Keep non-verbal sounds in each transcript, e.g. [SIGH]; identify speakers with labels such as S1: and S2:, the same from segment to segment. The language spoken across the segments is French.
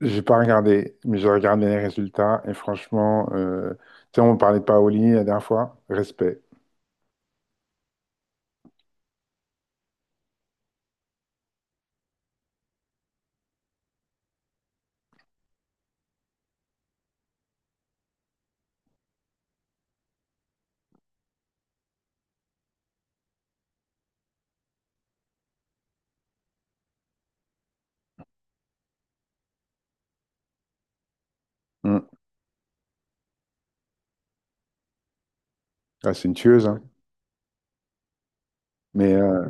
S1: J'ai pas regardé, mais j'ai regardé les résultats et franchement, tu sais, on parlait de Paoli la dernière fois, respect. Mm. Ah, c'est une tueuse, hein. Mais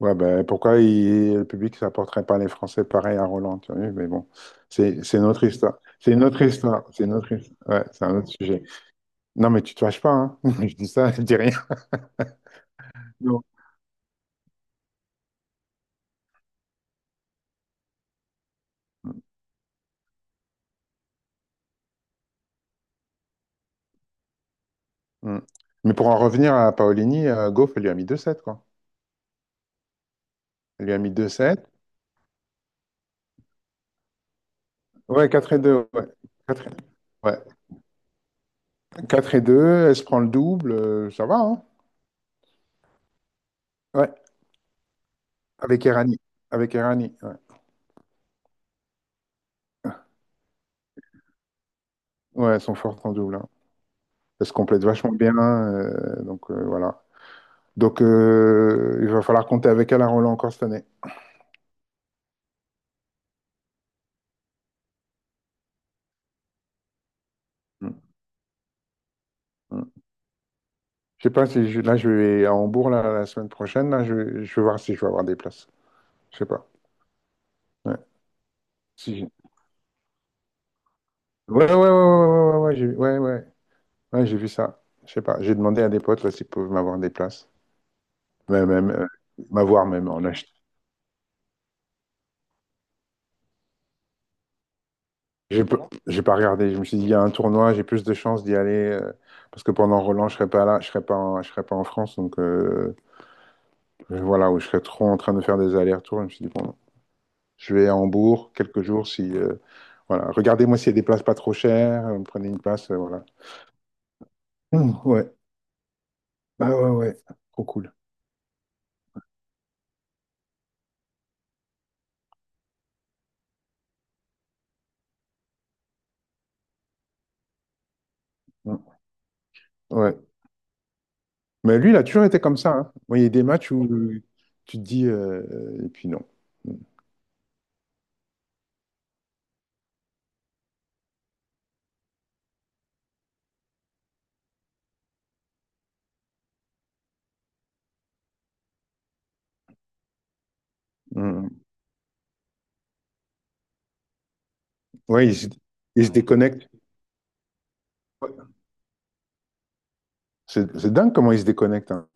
S1: ouais, ben, pourquoi le public ne s'apporterait pas les Français pareil à Roland, tu vois, mais bon, c'est une autre histoire. C'est une autre histoire, c'est une autre his- ouais, c'est un autre sujet. Non, mais tu te fâches pas, hein. [LAUGHS] Je dis ça, je dis rien. Non. Mm. Mais pour en revenir à Paolini, Goff, elle lui a mis deux 7 quoi. Elle lui a mis deux 7. Ouais, 4 et 2. Ouais. 4 deux. Ouais. 4 et 2, elle se prend le double, ça va, hein? Ouais, avec Errani. Avec Errani, ouais. Ouais, elles sont fortes en double, hein. Elles se complètent vachement bien, voilà. Donc il va falloir compter avec elle à Roland encore cette année. Mm, mm. Je sais pas si là je vais à Hambourg là, la semaine prochaine, là je vais voir si je vais avoir des places. Je sais pas. Ouais, Si j'ai- ouais, j'ai ouais, ouais. Ouais, j'ai vu ça. Je sais pas. J'ai demandé à des potes là s'ils peuvent m'avoir des places. Même, même, euh, m'avoir même en achetant. J'ai pas, j'ai pas regardé. Je me suis dit, il y a un tournoi, j'ai plus de chances d'y aller. Parce que pendant Roland, je serais pas en France. Donc voilà, où je serais trop en train de faire des allers-retours. Je me suis dit, bon, je vais à Hambourg quelques jours. Si, voilà. Regardez-moi s'il y a des places pas trop chères. Prenez une place, voilà. Ouais, ah ouais, ouais. Trop cool. Hum. Ouais. Mais lui, il a toujours été comme ça, hein. Moi, il y a des matchs où tu te dis, et puis non. Hum, hum. Ouais, il se déconnecte. Ouais. C'est dingue comment il se déconnecte, hein.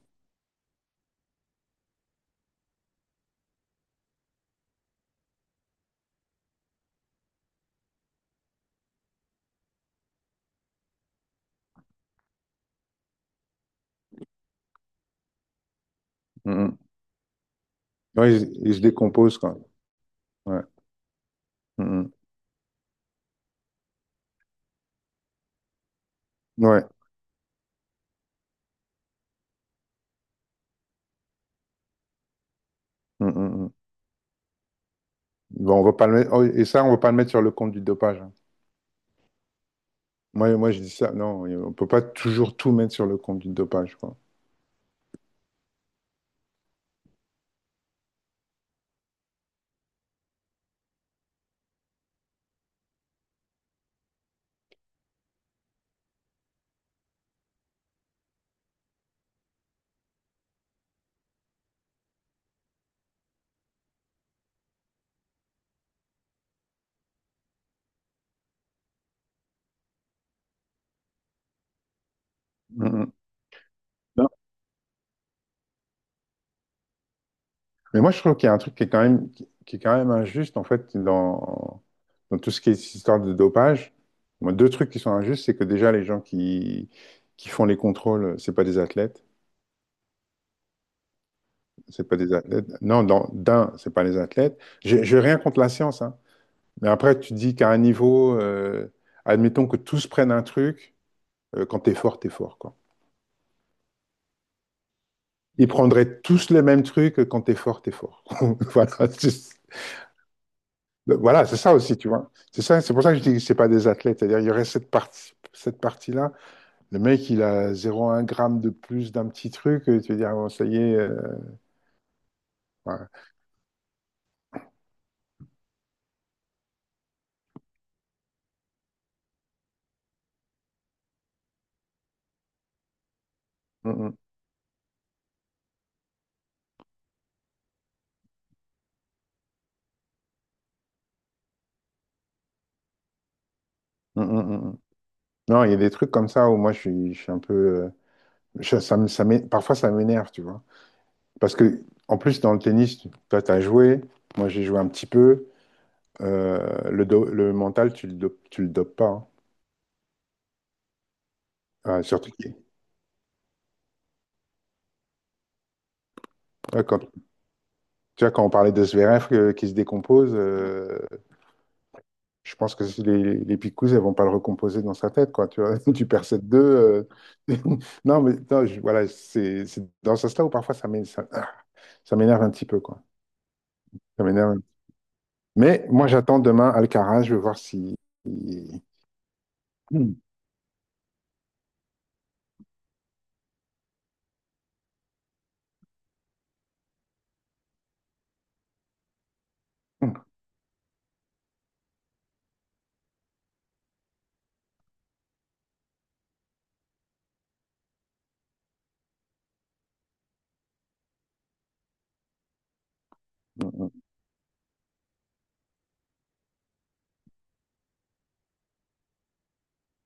S1: Mmh, mmh. Ouais, ils se décomposent quand même. Ouais. Mm, mm. Ouais. Mm, mm, mm. Bon, on va pas le mettre... oh, et ça, on va pas le mettre sur le compte du dopage, hein. Moi, je dis ça. Non, on peut pas toujours tout mettre sur le compte du dopage, quoi. Mm, mm. Non. Mais moi, je trouve qu'il y a un truc qui est quand même, qui est quand même injuste, en fait, dans tout ce qui est cette histoire de dopage. Moi, deux trucs qui sont injustes, c'est que déjà, qui font les contrôles, c'est pas des athlètes. C'est pas des athlètes. Non, dans, d'un, c'est pas les athlètes. J'ai rien contre la science, hein. Mais après, tu dis qu'à un niveau, admettons que tous prennent un truc, quand t'es fort, quoi. Ils prendraient tous le même truc, quand t'es fort, t'es fort. [LAUGHS] Voilà, c'est ça aussi, tu vois. C'est ça, c'est pour ça que je dis que c'est pas des athlètes. C'est-à-dire, il y aurait cette partie-là. Le mec, il a 0,1 gramme de plus d'un petit truc, tu veux dire, bon, ça y est. Ouais. Mm, mm, mm, mm, mm, mm. Non, il y a des trucs comme ça où moi, je suis un peu. Je- ça me- ça m'é- Parfois, ça m'énerve, tu vois. Parce que, en plus, dans le tennis, toi, tu as joué, moi, j'ai joué un petit peu. Le mental, tu le dopes pas, hein. Ah, surtout qu'il- ouais, quand, tu vois, quand on parlait de Zverev qui se décompose, je pense que si les Picous, elles vont pas le recomposer dans sa tête, quoi. Tu vois, [LAUGHS] tu perds 7 deux [LAUGHS] Non, voilà, c'est dans ce sens-là où parfois ça m'énerve un petit peu, quoi. Ça m'énerve. Mais moi, j'attends demain Alcaraz, je veux voir si. Si, [COUGHS] Mm.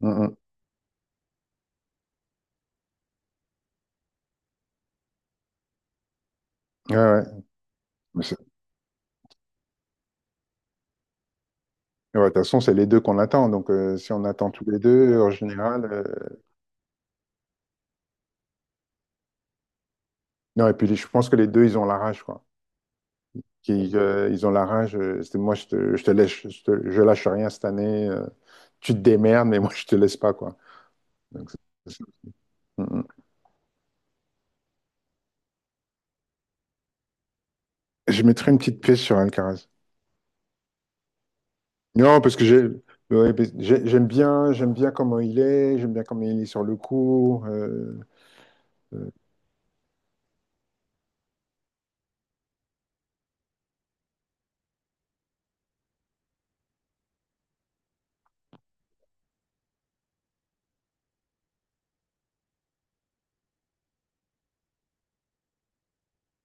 S1: Mm, mm. Ouais, ouais. Mais Mais ouais, de toute façon, c'est les deux qu'on attend. Donc, si on attend tous les deux, en général. Non, et puis je pense que les deux, ils ont la rage, quoi. Ils ont la rage. Moi, je te laisse je lâche rien cette année. Tu te démerdes, mais moi, je te laisse pas, quoi. Donc, c'est- c'est- Mm, mm. Je mettrai une petite pièce sur Alcaraz. Non, parce que j'ai, Ouais, parce que j'aime bien, j'aime bien comment il est sur le cours. Euh,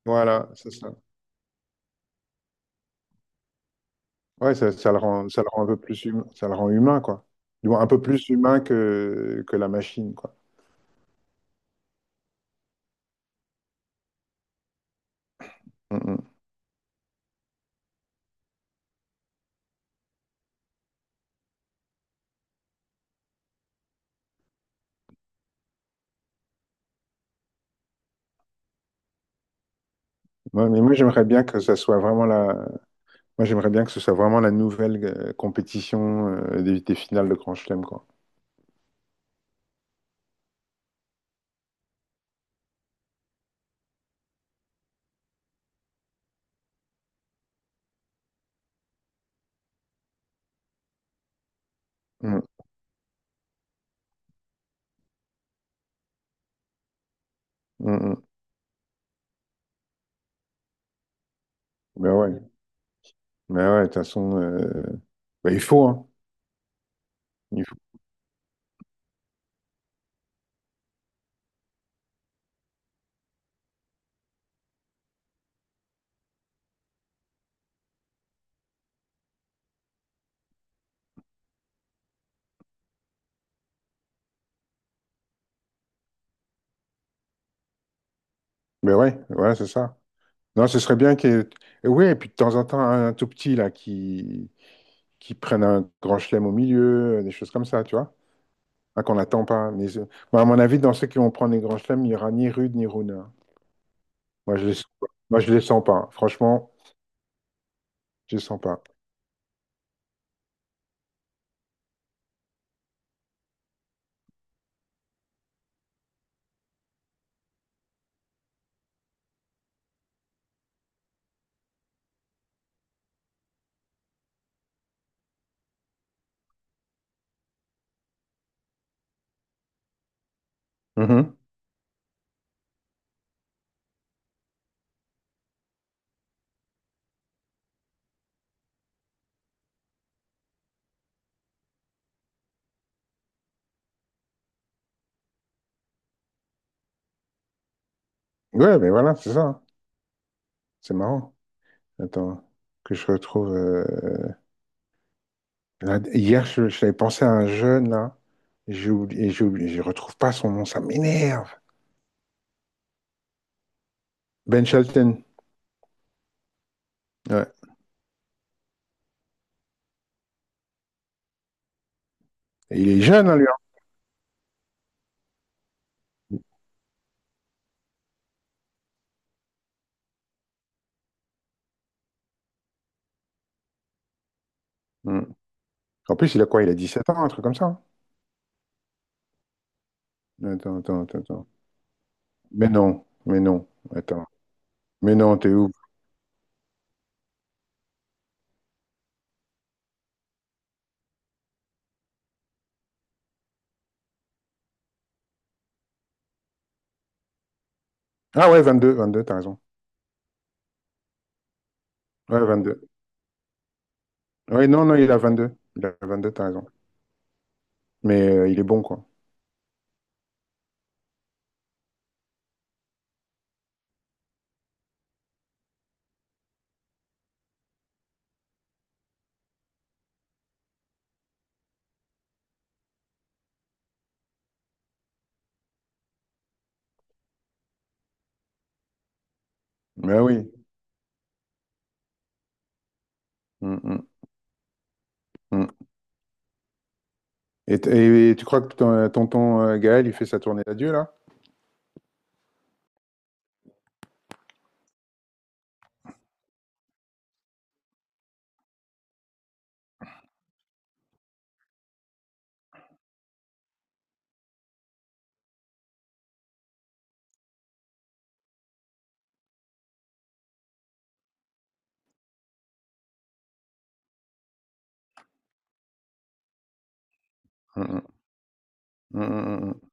S1: voilà, c'est ça. Ouais, ça, ça le rend un peu plus humain, ça le rend humain, quoi. Du moins, un peu plus humain que la machine, quoi. Mm, mm. Ouais, mais moi, j'aimerais bien que ça soit vraiment la, moi, j'aimerais bien que ce soit vraiment la nouvelle compétition des finales de Grand Chelem, quoi. Mm, mm, mm. Ben ouais, ben ouais, de toute façon, ben il faut, hein. Il faut. Ben ouais, voilà c'est ça. Non, ce serait bien qu'il y ait... Et ouais, et puis de temps en temps, un tout petit, là, qui prenne un Grand Chelem au milieu, des choses comme ça, tu vois. Ah, qu'on n'attend pas. Moi, à mon avis, dans ceux qui vont prendre les grands chelems, il n'y aura ni Rude ni Runa. Moi, je les... sens pas. Moi, je les sens pas. Franchement, je les sens pas. Mhm. Ouais, mais voilà, c'est ça. C'est marrant. Attends, que je retrouve. Là, hier, je t'avais pensé à un jeune, là. J'ai oublié, je retrouve pas son nom, ça m'énerve. Ben Shelton. Ouais. Et il est jeune, hein, lui, hein. Mhm. En plus, il a quoi? Il a 17 ans, un truc comme ça, hein. Attends. Mais non, mais non. Attends. Mais non, t'es où? Ah ouais, 22, t'as raison. Ouais, vingt deux. Oui, non, non, il a 22. Il a vingt deux, t'as raison. Mais il est bon, quoi. Mais oui. Mm, mm, mm. Et, et tu crois que ton, tonton Gaël, il fait sa tournée d'adieu, là? Mm, mm, mm, mm, mm.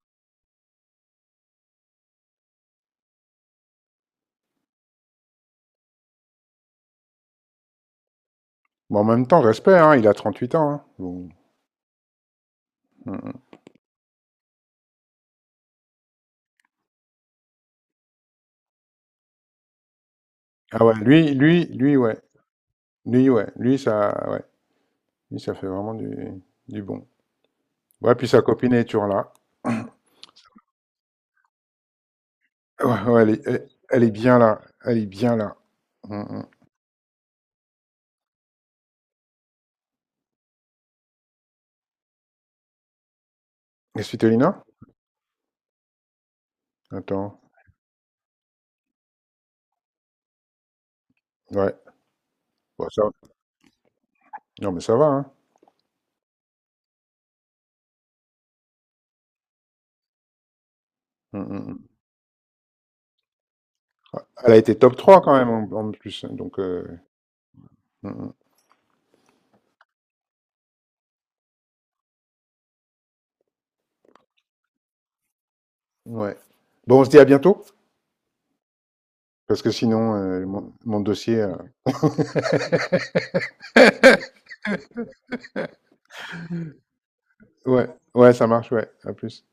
S1: Bon, en même temps, respect, hein, il a 38 ans, hein. Bon. Mm, mm. Ah ouais, lui, ouais. Lui, ouais. Lui, ça, ouais. Lui, ça fait vraiment du bon. Ouais, puis sa copine est toujours là. Ouais, ouais, elle est bien là. Elle est bien là. Mm, mm. Et Svitolina? Attends. Ouais. Bon, ça, non, mais ça va, hein. Mm, mm. Elle a été top 3 quand même en, en plus, hein. Donc, mm, mm, ouais. Bon, on se dit à bientôt, parce que sinon, mon dossier. [LAUGHS] Ouais, ouais, ça marche, ouais. À plus.